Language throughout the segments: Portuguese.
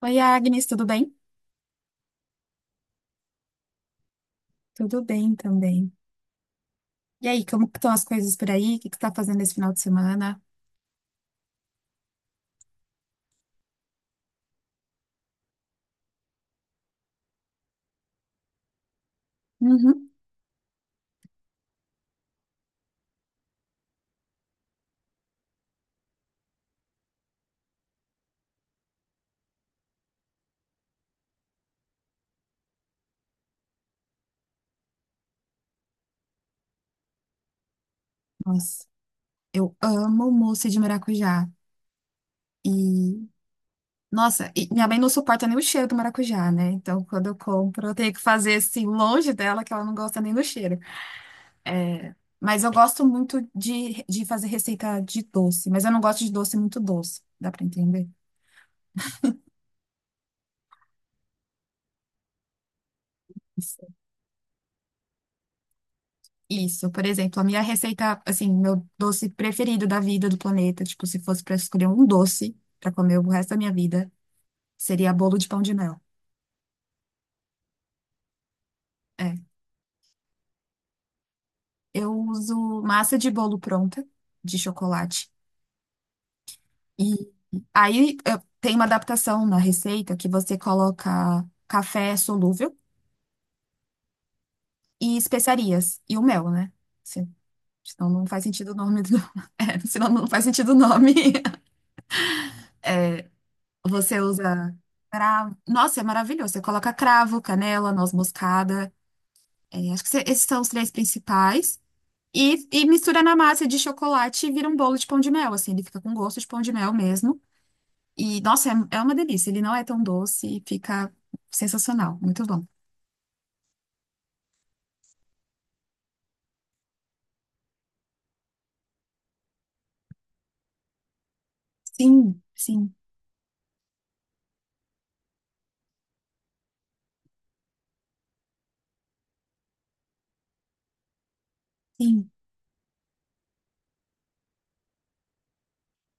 Oi, Agnes, tudo bem? Tudo bem também. E aí, como que estão as coisas por aí? O que que está fazendo esse final de semana? Uhum. Nossa, eu amo mousse de maracujá. E, nossa, e minha mãe não suporta nem o cheiro do maracujá, né? Então, quando eu compro, eu tenho que fazer assim, longe dela, que ela não gosta nem do cheiro. É, mas eu gosto muito de fazer receita de doce, mas eu não gosto de doce muito doce, dá pra entender? Isso, por exemplo, a minha receita, assim, meu doce preferido da vida do planeta, tipo, se fosse pra escolher um doce pra comer o resto da minha vida, seria bolo de pão de mel. É. Eu uso massa de bolo pronta, de chocolate. E Tem uma adaptação na receita que você coloca café solúvel e especiarias e o mel, né? Se- Senão não faz sentido o nome do... É, senão não faz sentido o nome. Você usa cravo. Nossa, é maravilhoso. Você coloca cravo, canela, noz moscada. É, acho que esses são os três principais. E mistura na massa de chocolate e vira um bolo de pão de mel, assim. Ele fica com gosto de pão de mel mesmo. E, nossa, é uma delícia. Ele não é tão doce e fica sensacional. Muito bom. Sim, sim, sim.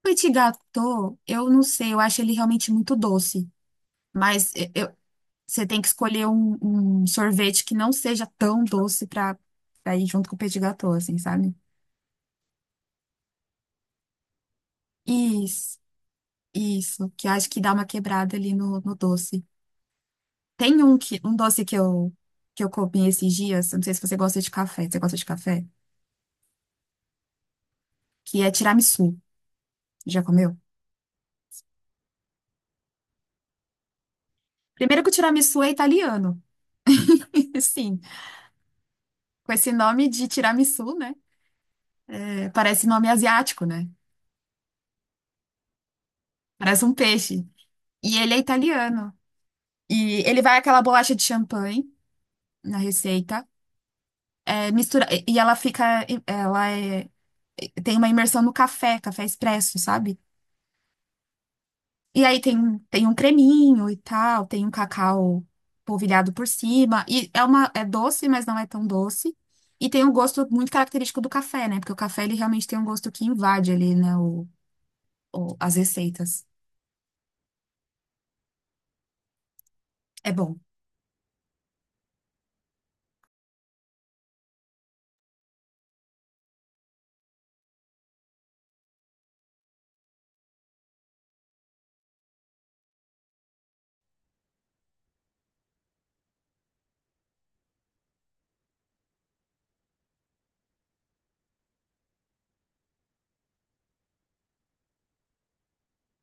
Petit gâteau, eu não sei. Eu acho ele realmente muito doce. Mas é, eu, você tem que escolher um sorvete que não seja tão doce pra ir junto com o petit gâteau, assim, sabe? Isso, isso, que eu acho que dá uma quebrada ali no doce. Tem um doce que eu comi esses dias, eu não sei se você gosta de café, você gosta de café? Que é tiramisu. Já comeu? Primeiro que o tiramisu é italiano. Sim, com esse nome de tiramisu, né? É, parece nome asiático, né? Parece um peixe. E ele é italiano. E ele vai aquela bolacha de champanhe na receita. É, mistura, e ela fica, ela é, tem uma imersão no café, café expresso, sabe? E aí tem, tem um creminho e tal, tem um cacau polvilhado por cima, e é uma, é doce, mas não é tão doce, e tem um gosto muito característico do café, né? Porque o café, ele realmente tem um gosto que invade ali, né, as receitas. É bom.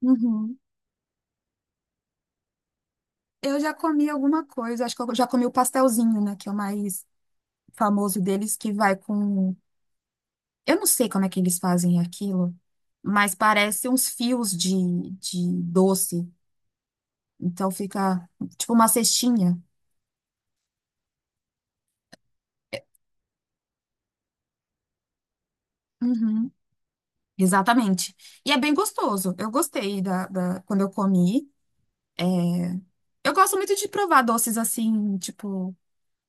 Uhum. Eu já comi alguma coisa, acho que eu já comi o pastelzinho, né, que é o mais famoso deles, que vai com... Eu não sei como é que eles fazem aquilo, mas parece uns fios de doce. Então fica tipo uma cestinha. Uhum, exatamente. E é bem gostoso. Eu gostei quando eu comi. É, eu gosto muito de provar doces assim, tipo.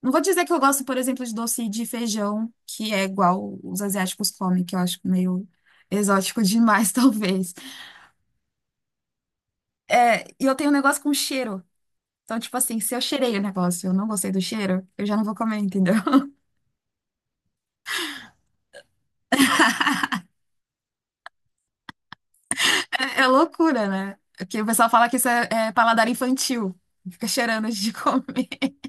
Não vou dizer que eu gosto, por exemplo, de doce de feijão, que é igual os asiáticos comem, que eu acho meio exótico demais, talvez. É, e eu tenho um negócio com cheiro. Então, tipo assim, se eu cheirei o negócio e eu não gostei do cheiro, eu já não vou comer, entendeu? É, é loucura, né? Porque o pessoal fala que isso é paladar infantil. Fica cheirando antes de comer.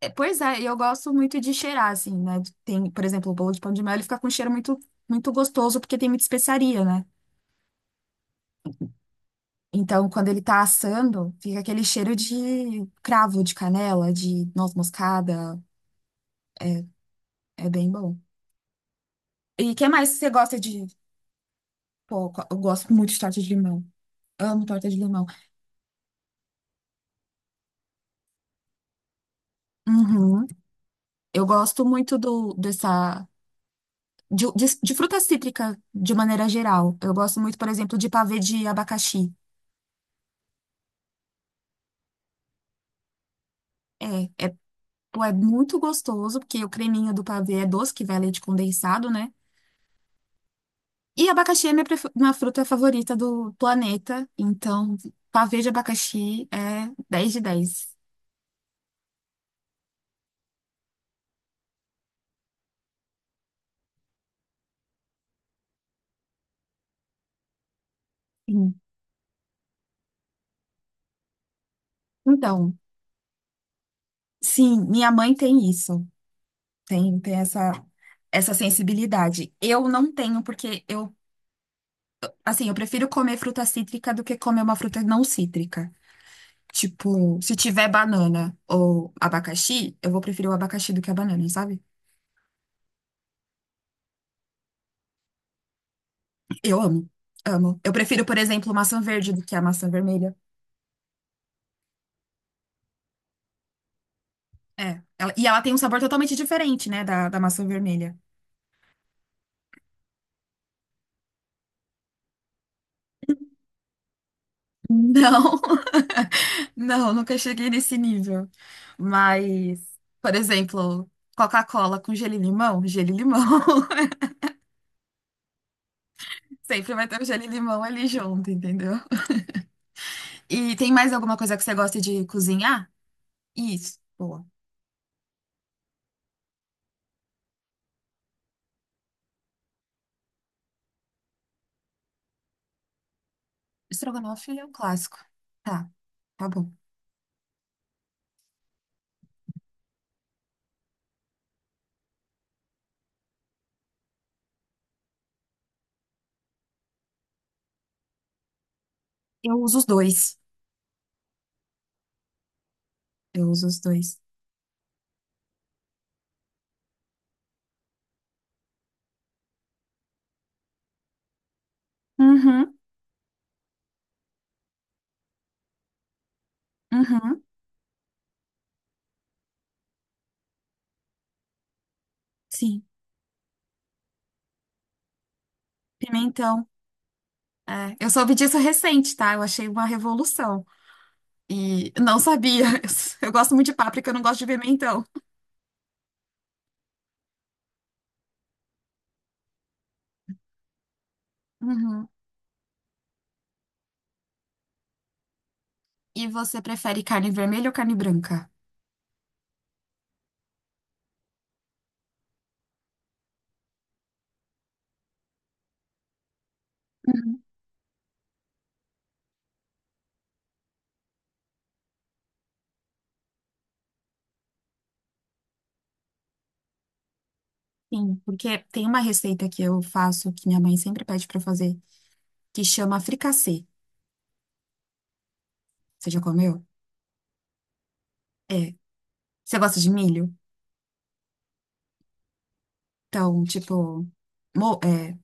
É, pois é, e eu gosto muito de cheirar, assim, né? Tem, por exemplo, o bolo de pão de mel, ele fica com um cheiro muito gostoso, porque tem muita especiaria, né? Então, quando ele tá assando, fica aquele cheiro de cravo, de canela, de noz moscada. É, é bem bom. E o que mais você gosta de... Pô, eu gosto muito de torta de limão. Amo torta de limão. Uhum. Eu gosto muito dessa. De fruta cítrica, de maneira geral. Eu gosto muito, por exemplo, de pavê de abacaxi. É, é, pô, é muito gostoso, porque o creminho do pavê é doce, que vai leite condensado, né? E abacaxi é minha fruta favorita do planeta. Então, pavê de abacaxi é dez de dez. Sim. Então, sim, minha mãe tem isso. Tem, tem essa, essa sensibilidade. Eu não tenho, porque eu... Assim, eu prefiro comer fruta cítrica do que comer uma fruta não cítrica. Tipo, se tiver banana ou abacaxi, eu vou preferir o abacaxi do que a banana, sabe? Eu amo, amo. Eu prefiro, por exemplo, maçã verde do que a maçã vermelha. É. Ela tem um sabor totalmente diferente, né, da maçã vermelha. Não, não, nunca cheguei nesse nível. Mas, por exemplo, Coca-Cola com gelo e limão, gelo e limão. Sempre vai ter o gelo e limão ali junto, entendeu? E tem mais alguma coisa que você gosta de cozinhar? Isso, boa. Estrogonofe é um clássico. Tá, tá bom. Eu uso os dois. Eu uso os dois. Uhum, uhum, sim. Pimentão. É, eu soube disso recente, tá? Eu achei uma revolução. E não sabia. Eu gosto muito de páprica, eu não gosto de pimentão. Uhum. E você prefere carne vermelha ou carne branca? Uhum. Sim, porque tem uma receita que eu faço, que minha mãe sempre pede pra eu fazer, que chama fricassê. Você já comeu? É. Você gosta de milho? Então, tipo, mo- é,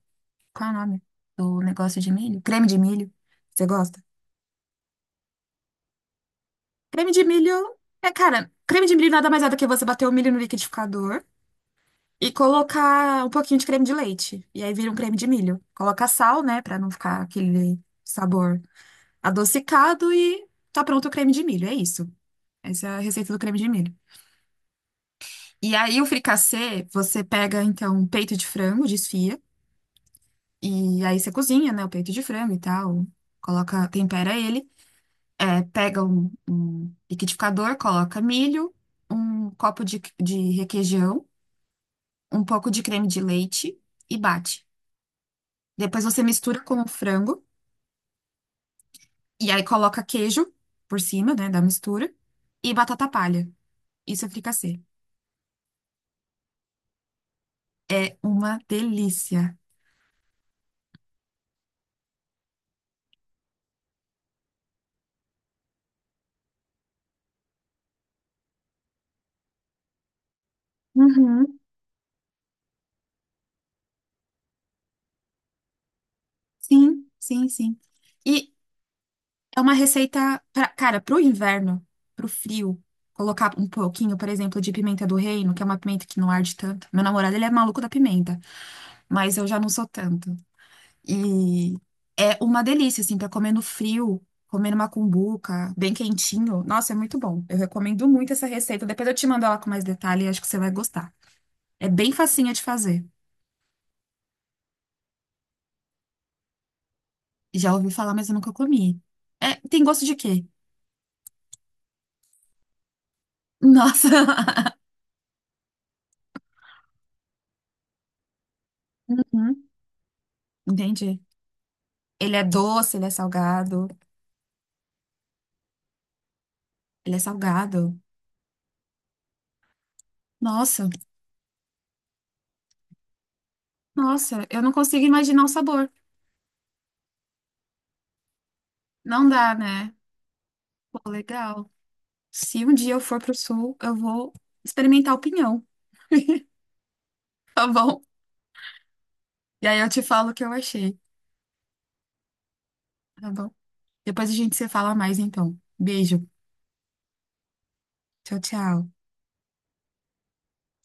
qual é o nome do negócio de milho? Creme de milho. Você gosta? Creme de milho é, cara, creme de milho nada mais é do que você bater o milho no liquidificador e colocar um pouquinho de creme de leite. E aí vira um creme de milho. Coloca sal, né, pra não ficar aquele sabor adocicado e tá pronto o creme de milho. É isso. Essa é a receita do creme de milho. E aí o fricassê, você pega então um peito de frango, desfia. E aí você cozinha, né, o peito de frango e tal, coloca, tempera ele, é, pega um liquidificador, coloca milho, um copo de requeijão, um pouco de creme de leite e bate. Depois você mistura com o frango e aí coloca queijo por cima, né, da mistura e batata palha. Isso é fricassê. É uma delícia. Uhum. Sim, sim, sim. E é uma receita, pra, cara, pro inverno, pro frio, colocar um pouquinho, por exemplo, de pimenta do reino, que é uma pimenta que não arde tanto. Meu namorado, ele é maluco da pimenta, mas eu já não sou tanto. E é uma delícia, assim, pra comer no frio, comer numa cumbuca, bem quentinho. Nossa, é muito bom. Eu recomendo muito essa receita. Depois eu te mando ela com mais detalhe e acho que você vai gostar. É bem facinha de fazer. Já ouvi falar, mas eu nunca comi. É, tem gosto de quê? Nossa. Uhum, entendi. Ele é doce, ele é salgado. Ele é salgado. Nossa, nossa, eu não consigo imaginar o sabor. Não dá, né? Pô, legal. Se um dia eu for pro sul, eu vou experimentar o pinhão, tá bom? E aí eu te falo o que eu achei, tá bom? Depois a gente se fala mais, então. Beijo. Tchau, tchau.